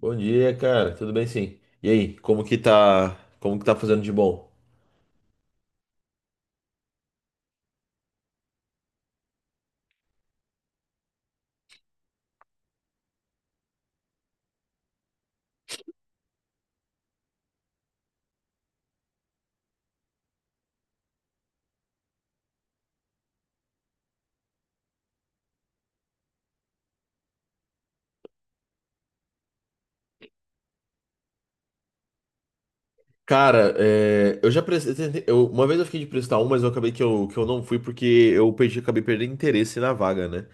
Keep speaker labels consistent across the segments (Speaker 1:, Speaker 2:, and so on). Speaker 1: Bom dia, cara. Tudo bem, sim. E aí, como que tá, fazendo de bom? Cara, eu já prestei, uma vez eu fiquei de prestar um, mas eu acabei que eu não fui porque eu perdi, acabei perdendo interesse na vaga, né?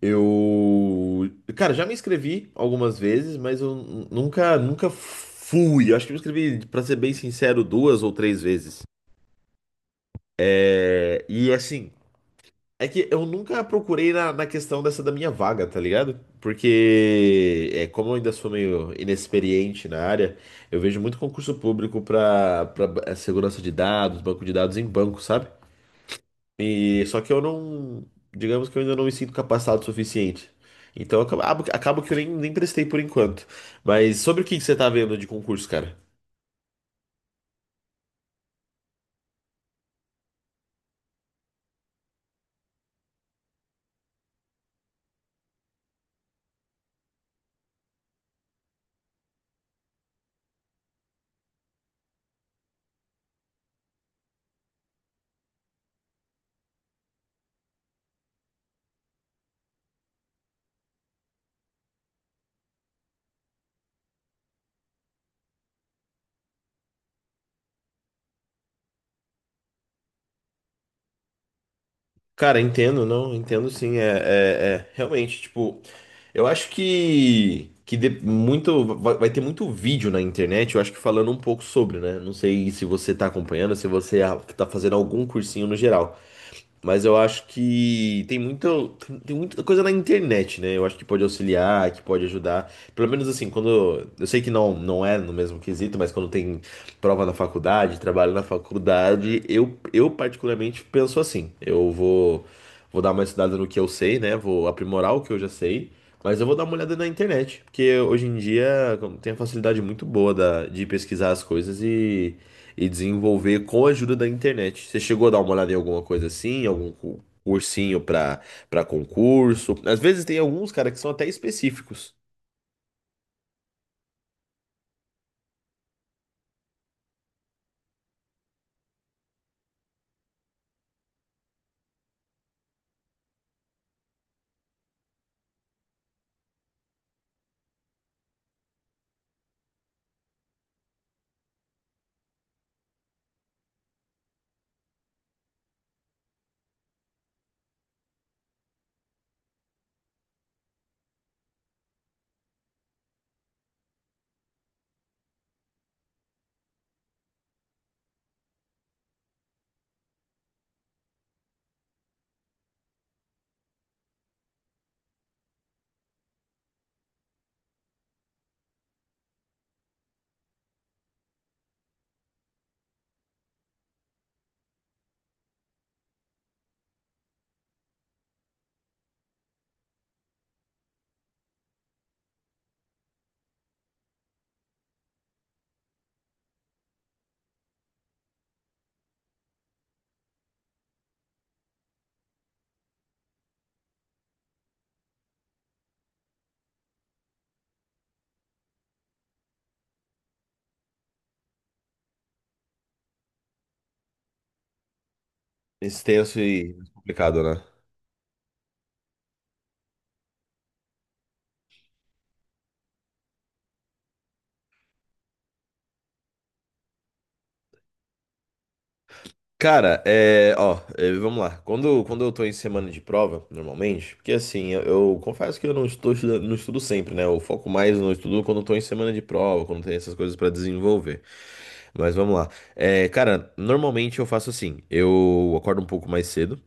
Speaker 1: Eu, cara, já me inscrevi algumas vezes, mas eu nunca fui. Eu acho que me inscrevi, pra ser bem sincero, duas ou três vezes. É, e assim, É que eu nunca procurei na questão dessa da minha vaga, tá ligado? Porque, como eu ainda sou meio inexperiente na área, eu vejo muito concurso público pra segurança de dados, banco de dados em banco, sabe? E só que eu não, digamos que eu ainda não me sinto capacitado o suficiente. Então acabo que eu nem prestei por enquanto. Mas sobre o que que você tá vendo de concurso, cara? Cara, entendo, não, entendo sim, realmente, tipo, eu acho que vai ter muito vídeo na internet, eu acho que falando um pouco sobre, né, não sei se você tá acompanhando, se você tá fazendo algum cursinho no geral, mas eu acho que tem muita coisa na internet, né, eu acho que pode auxiliar, que pode ajudar, pelo menos assim, quando, eu sei que não é no mesmo quesito, mas quando tem prova na faculdade, trabalho na faculdade, eu particularmente penso assim. Vou dar uma estudada no que eu sei, né? Vou aprimorar o que eu já sei, mas eu vou dar uma olhada na internet, porque hoje em dia como, tem a facilidade muito boa de pesquisar as coisas e desenvolver com a ajuda da internet. Você chegou a dar uma olhada em alguma coisa assim, cursinho para concurso? Às vezes tem alguns, cara, que são até específicos, extenso e complicado, né? Cara, ó, vamos lá. Quando eu tô em semana de prova, normalmente, porque assim, eu confesso que eu não estou estudando, não estudo sempre, né? Eu foco mais no estudo quando eu tô em semana de prova, quando tem essas coisas pra desenvolver. Mas vamos lá. Cara, normalmente eu faço assim, eu acordo um pouco mais cedo,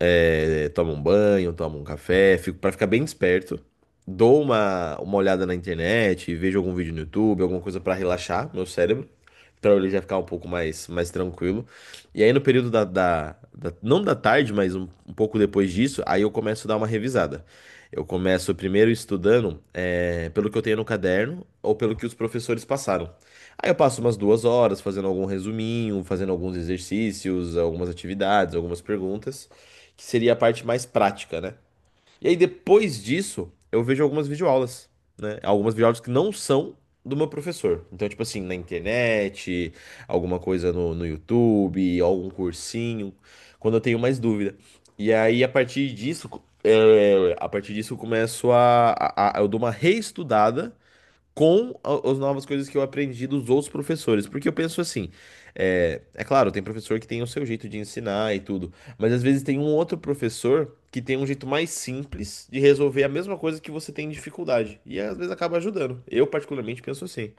Speaker 1: tomo um banho, tomo um café, fico para ficar bem desperto. Dou uma olhada na internet, vejo algum vídeo no YouTube, alguma coisa para relaxar meu cérebro, para ele já ficar mais tranquilo. E aí no período não da tarde, mas um pouco depois disso, aí eu começo a dar uma revisada. Eu começo primeiro estudando pelo que eu tenho no caderno ou pelo que os professores passaram. Aí eu passo umas duas horas fazendo algum resuminho, fazendo alguns exercícios, algumas atividades, algumas perguntas que seria a parte mais prática, né? E aí depois disso, eu vejo algumas videoaulas, né? Algumas videoaulas que não são do meu professor. Então, tipo assim, na internet, alguma coisa no YouTube, algum cursinho, quando eu tenho mais dúvida. E aí, a partir disso, eu começo a eu dou uma reestudada com as novas coisas que eu aprendi dos outros professores. Porque eu penso assim, é claro, tem professor que tem o seu jeito de ensinar e tudo, mas às vezes tem um outro professor que tem um jeito mais simples de resolver a mesma coisa que você tem dificuldade. E às vezes acaba ajudando. Eu particularmente penso assim,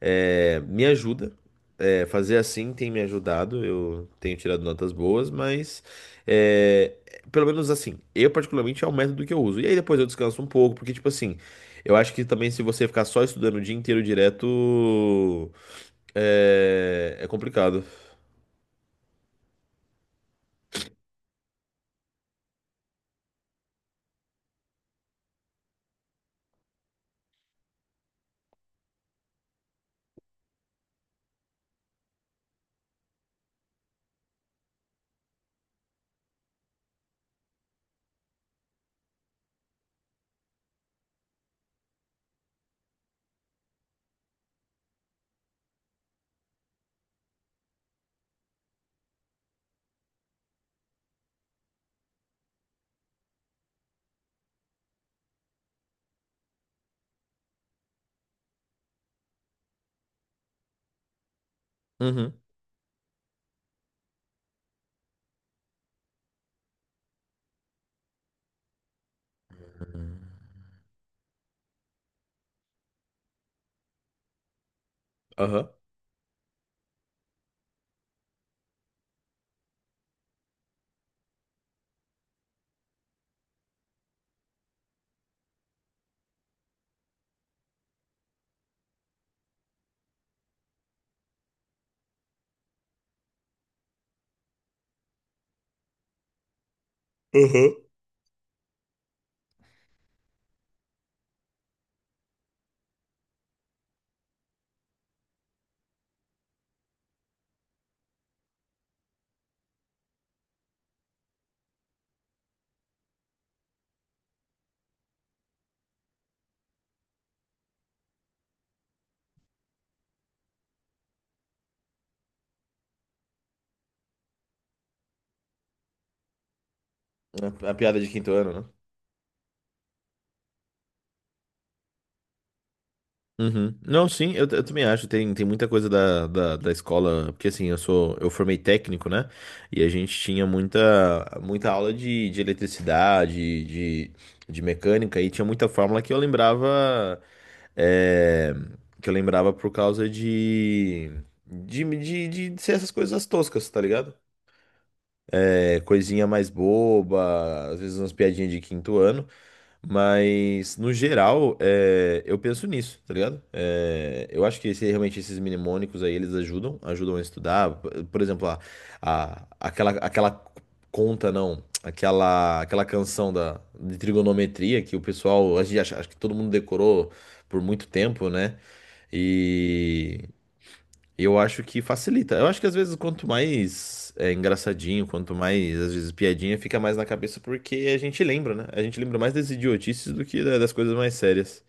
Speaker 1: me ajuda. É, fazer assim tem me ajudado, eu tenho tirado notas boas, mas é, pelo menos assim, eu particularmente é o método que eu uso. E aí depois eu descanso um pouco, porque tipo assim, eu acho que também se você ficar só estudando o dia inteiro direto, é complicado. Uhum. Aham. Uhum. A piada de quinto ano, né? Uhum. Não, sim, eu também acho. Tem muita coisa da escola, porque assim, eu formei técnico, né? E a gente tinha muita aula de eletricidade, de mecânica, e tinha muita fórmula que eu lembrava, é, que eu lembrava por causa de, de ser essas coisas toscas, tá ligado? É, coisinha mais boba, às vezes umas piadinhas de quinto ano. Mas, no geral, eu penso nisso, tá ligado? É, eu acho que realmente esses mnemônicos aí, eles ajudam, ajudam a estudar. Por exemplo, aquela aquela canção de trigonometria que o pessoal, a gente acha, acho que todo mundo decorou por muito tempo, né? E eu acho que facilita. Eu acho que às vezes quanto mais engraçadinho, quanto mais, às vezes, piadinha, fica mais na cabeça porque a gente lembra, né? A gente lembra mais das idiotices do que das coisas mais sérias.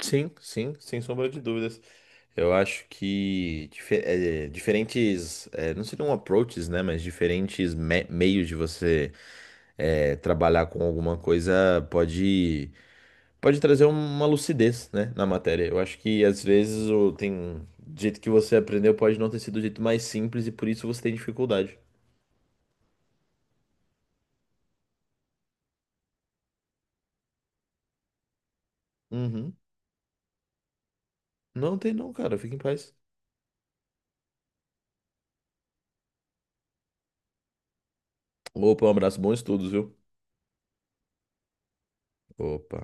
Speaker 1: Sim, sim, sem sombra de dúvidas. Eu acho que diferentes, não seriam approaches, né? Mas diferentes meios de você trabalhar com alguma coisa pode, pode trazer um, uma lucidez, né, na matéria. Eu acho que às vezes o tem do jeito que você aprendeu pode não ter sido o jeito mais simples e por isso você tem dificuldade. Uhum. Não tem não, cara. Fica em paz. Opa, um abraço, bons estudos, viu? Opa.